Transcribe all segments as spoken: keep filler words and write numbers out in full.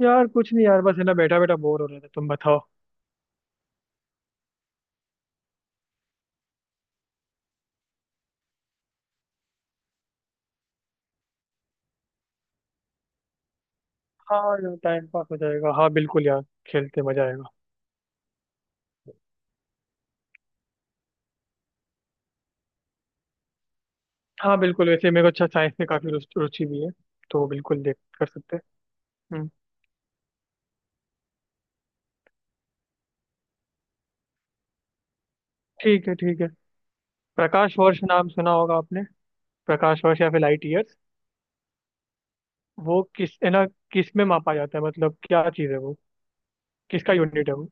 यार कुछ नहीं यार, बस है ना बैठा बैठा बोर हो रहा था। तुम बताओ। हाँ यार, टाइम पास हो जाएगा। हाँ बिल्कुल यार, खेलते मजा आएगा। हाँ बिल्कुल। वैसे मेरे को अच्छा, साइंस में काफी रुचि रुचि भी है, तो बिल्कुल देख कर सकते हैं। हम्म। ठीक है, ठीक है। प्रकाश वर्ष नाम सुना होगा आपने? प्रकाश वर्ष या फिर लाइट ईयर्स। वो किस, है ना, किस में मापा जाता है? मतलब क्या चीज़ है वो? किसका यूनिट है वो?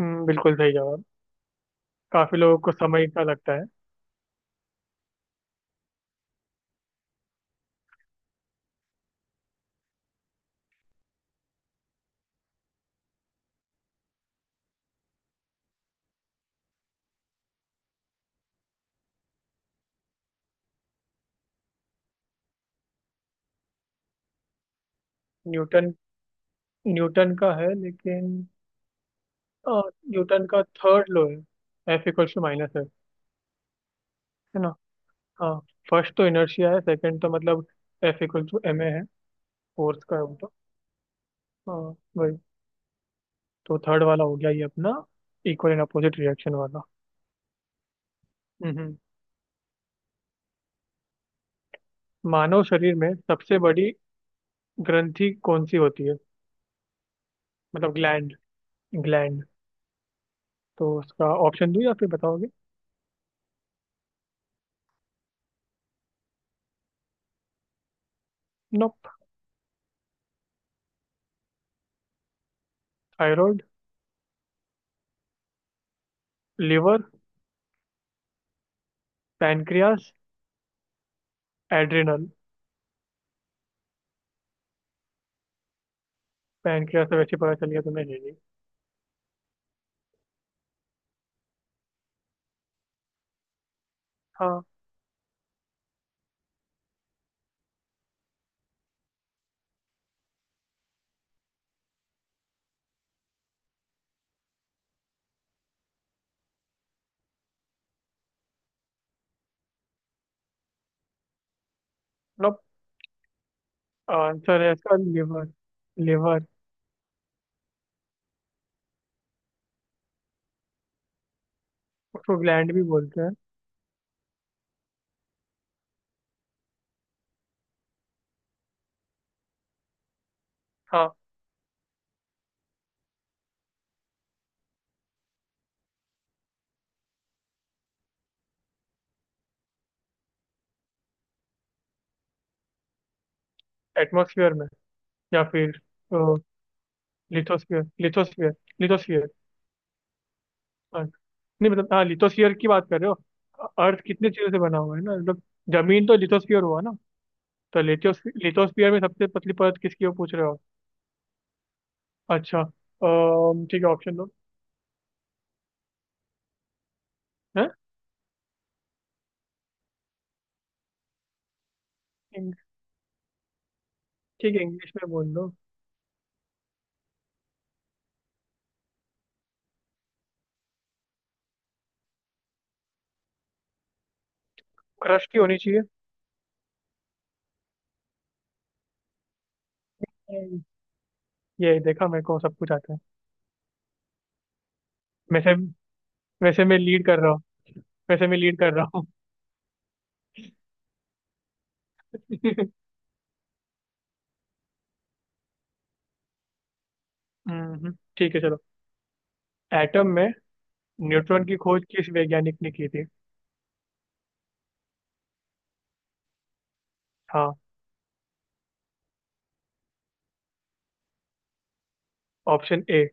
हम्म, बिल्कुल सही जवाब। काफी लोगों को समय का लगता है। न्यूटन। न्यूटन का है, लेकिन। अ, न्यूटन का थर्ड लॉ है। एफ इक्वल्स टू माइनस है है ना? हाँ। फर्स्ट तो इनर्शिया है, सेकंड तो मतलब F equal to M A है, फोर्स का है वो तो। हाँ, वही। तो थर्ड वाला हो गया ये अपना, इक्वल एंड अपोजिट रिएक्शन वाला। हम्म, हम्म। मानव शरीर में सबसे बड़ी ग्रंथि कौन सी होती है? मतलब ग्लैंड। ग्लैंड। तो उसका ऑप्शन दूं या फिर बताओगे? Nope. Thyroid. Liver. Pancreas. Adrenal. Pancreas तो वैसे ही पता चल गया तुम्हें, ये नहीं। हाँ। नोप। आंसर है इसका लिवर। लिवर। उसको ग्लैंड भी बोलते हैं। हाँ। एटमोसफियर में, या फिर लिथोस्फीयर लिथोस्फीयर। लिथोस्फीयर। हाँ। नहीं, मतलब हाँ, लिथोस्फीयर की बात कर रहे हो। अर्थ कितने चीजों से बना हुआ है ना, मतलब जमीन तो लिथोस्फीयर हुआ ना। तो लिथोस्फीयर लिथोस्फीयर में सबसे पतली परत किसकी हो, पूछ रहे हो? अच्छा, अम, ठीक है, ऑप्शन दो। है। ठीक है, इंग्लिश में बोल दो। क्रस्ट ही होनी चाहिए। हम्म। ये देखा मेरे को सब कुछ आता है वैसे। वैसे मैं लीड कर रहा हूँ। वैसे मैं लीड कर रहा हूँ। हम्म, ठीक है चलो। एटम में न्यूट्रॉन की खोज किस वैज्ञानिक ने की थी? हाँ। Option A,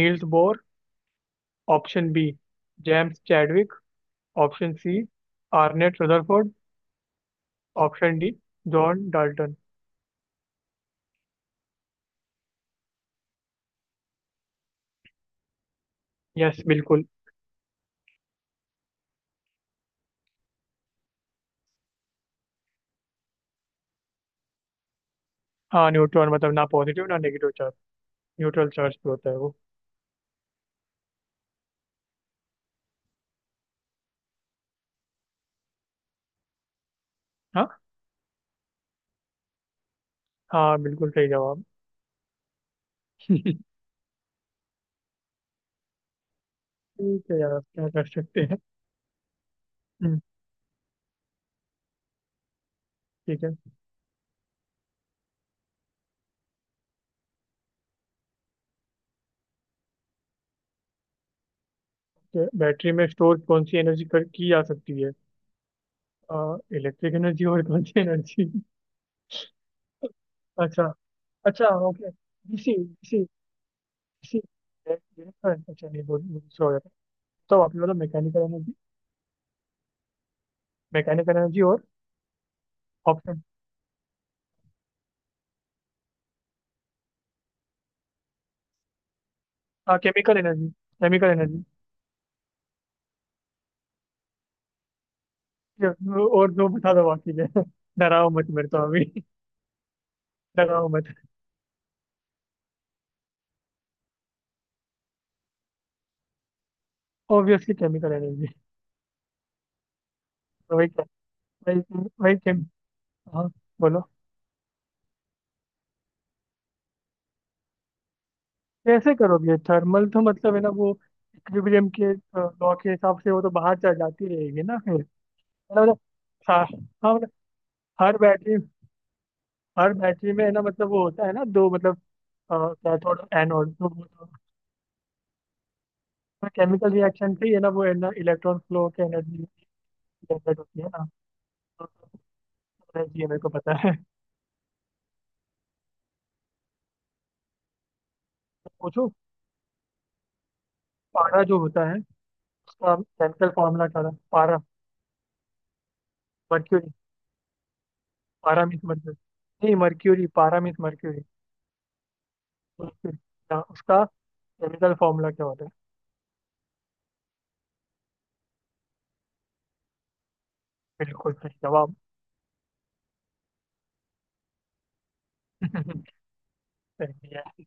Niels Bohr. Option B, James Chadwick. Option C, Ernest Rutherford. Option D, John Dalton. Yes बिल्कुल। हाँ, न्यूट्रॉन मतलब ना पॉजिटिव ना नेगेटिव चार्ज, न्यूट्रल चार्ज पे होता है वो। हाँ। हाँ बिल्कुल सही जवाब। ठीक है यार, अब क्या कर सकते हैं? हम्म, ठीक है। तो बैटरी में स्टोर कौन सी एनर्जी कर की जा सकती है? इलेक्ट्रिक एनर्जी और कौन सी एनर्जी? अच्छा, अच्छा, ओके। DC, DC, DC. अच्छा नहीं, बोल, सॉरी। तो आपने बोला मैकेनिकल एनर्जी। मैकेनिकल एनर्जी और? ऑप्शन? हाँ, केमिकल एनर्जी। केमिकल एनर्जी और दो बता दो बाकी के। डराओ मत मेरे तो अभी। डराओ मत। Obviously chemical energy. वही क्या? वही वही केम हाँ, बोलो। कैसे करोगे? थर्मल तो मतलब है ना वो, इक्विलिब्रियम के लॉ के हिसाब से वो तो बाहर चल जाती रहेगी ना फिर, है ना मतलब। हाँ। हाँ, मतलब हर बैटरी। हर बैटरी में है ना मतलब वो होता है ना दो, मतलब कैथोड एनोड तो वो केमिकल रिएक्शन पे ही है ना, वो है ना इलेक्ट्रॉन फ्लो के एनर्जी जनरेट होती है ना, तो। एनर्जी है, मेरे को पता है। तो पूछो। पारा जो होता है, उसका केमिकल फॉर्मूला क्या था? पारा? मर्क्यूरी। पारा मीन्स मर्क्यूरी। नहीं मर्क्यूरी, पारा मीन्स मर्क्यूरी। मर्क्यूरी, हाँ, उसका केमिकल फॉर्मूला क्या होता है? बिल्कुल सही जवाब। सही है।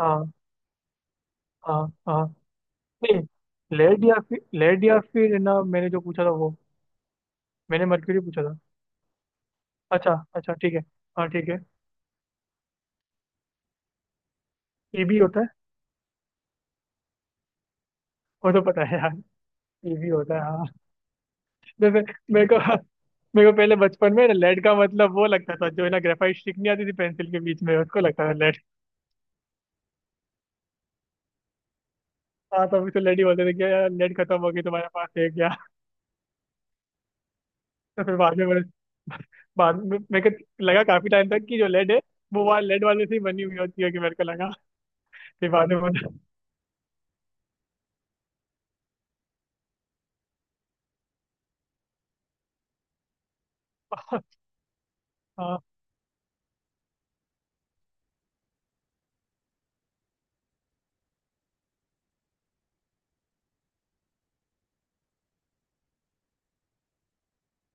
हाँ, हाँ, हाँ। नहीं, लेड या फिर लेड, या फिर है ना, मैंने जो पूछा था वो। मैंने मर्क्यूरी पूछा था। अच्छा, अच्छा, ठीक है। हाँ, ठीक है। ई होता है। वो तो पता है यार। ये भी होता है, हाँ। जैसे मेरे को मेरे को पहले बचपन में ना, लेड का मतलब वो लगता था, जो है ना ग्रेफाइट स्टिक नहीं आती थी पेंसिल के बीच में, उसको लगता था लेड। हाँ, तो फिर तो लेड ही बोलते थे कि यार, लेड खत्म हो गई, तुम्हारे पास है क्या? तो फिर बाद में मैंने। बाद में मेरे को लगा काफी टाइम तक कि जो लेड है, वो वाला लेड वाले से ही बनी हुई होती है, कि मेरे को लगा। फिर बाद में मैंने। हाँ, हाँ,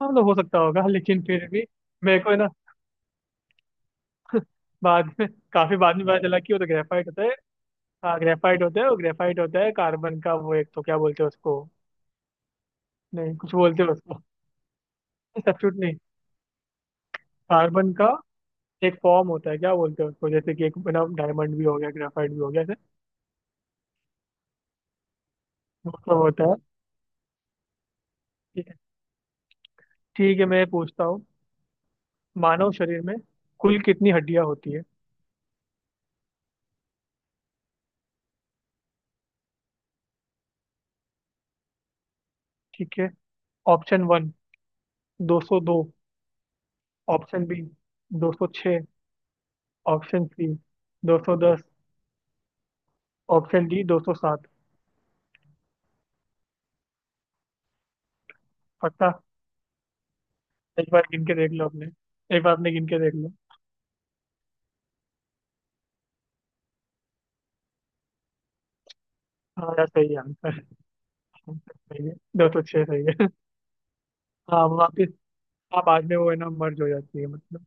मतलब हो सकता होगा लेकिन फिर भी। मेरे को है ना बाद में, काफी बाद में पता चला कि वो तो ग्रेफाइट होता है। हाँ, ग्रेफाइट होता है। वो ग्रेफाइट होता है कार्बन का, वो एक तो क्या बोलते हैं उसको? नहीं, कुछ बोलते हो उसको। सब्स्टिट्यूट नहीं। कार्बन का एक फॉर्म होता है, क्या बोलते हैं उसको? जैसे कि एक ना, डायमंड भी हो गया, ग्रेफाइट भी हो गया ऐसे। वो सब होता है। ठीक है, ठीक है मैं पूछता हूँ। मानव शरीर में कुल कितनी हड्डियां होती है? ठीक है। ऑप्शन वन, दो सौ दो। ऑप्शन बी, दो सौ छः। ऑप्शन सी, दो सौ दस। ऑप्शन डी, दो सौ सात। पक्का? एक बार गिन के देख लो अपने। एक बार अपने गिन के देख लो। हाँ यार सही है आंसर। सही है, दो सौ छः सही है। हाँ वापिस। हाँ, बाद में वो है ना मर्ज हो जाती है मतलब।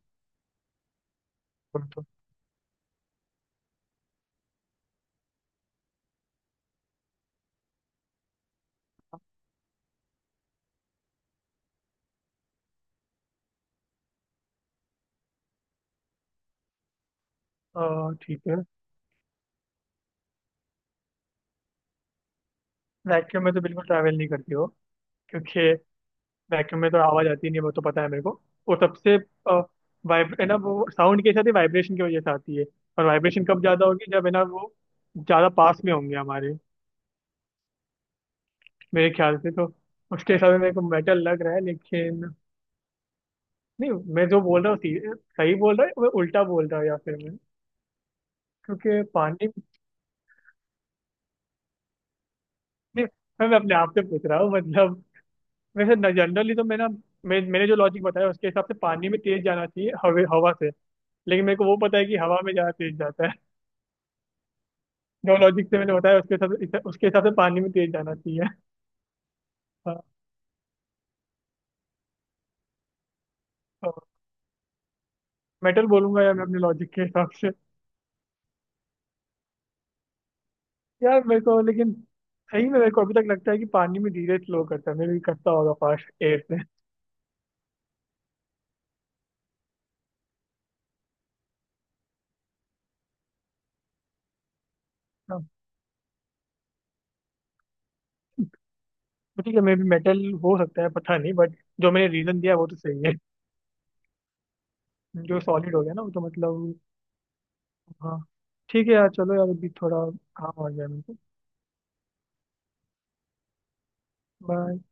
बोलो तो। अ, ठीक है। वैक्यूम में तो बिल्कुल ट्रैवल नहीं करती हो, क्योंकि वैक्यूम में तो आवाज आती नहीं है, वो तो पता है मेरे को। वो सबसे अ, वाइब है ना वो, साउंड के साथ ही वाइब्रेशन की वजह से आती है। और वाइब्रेशन कब ज्यादा होगी? जब है ना वो ज्यादा पास में होंगे हमारे। मेरे ख्याल से तो, उसके हिसाब से मेरे को मेटल लग रहा है, लेकिन। नहीं, मैं जो बोल रहा हूँ सी- सही बोल रहा है मैं, उल्टा बोल रहा हूँ या फिर मैं? क्योंकि पानी, नहीं, मैं मैं अपने आप से पूछ रहा हूँ मतलब। वैसे जनरली तो मैं ना, मैं मैंने जो लॉजिक बताया उसके हिसाब से पानी में तेज जाना चाहिए हवे हवा से। लेकिन मेरे को वो पता है कि हवा में ज्यादा तेज जाता है। जो लॉजिक से मैंने बताया उसके हिसाब से उसके हिसाब से पानी में तेज जाना चाहिए। हाँ। तो मेटल बोलूंगा यार मैं अपने लॉजिक के हिसाब से। यार मेरे को लेकिन, सही में मेरे को अभी तक लगता है कि पानी में धीरे स्लो करता है, मैं भी करता होगा फास्ट एयर से। हाँ, तो ठीक है मे भी मेटल हो सकता है पता नहीं, बट जो मैंने रीजन दिया वो तो सही है। जो सॉलिड हो गया ना वो तो मतलब। हाँ। ठीक है यार, चलो यार। अभी थोड़ा काम आ गया मेरे को। कर दो।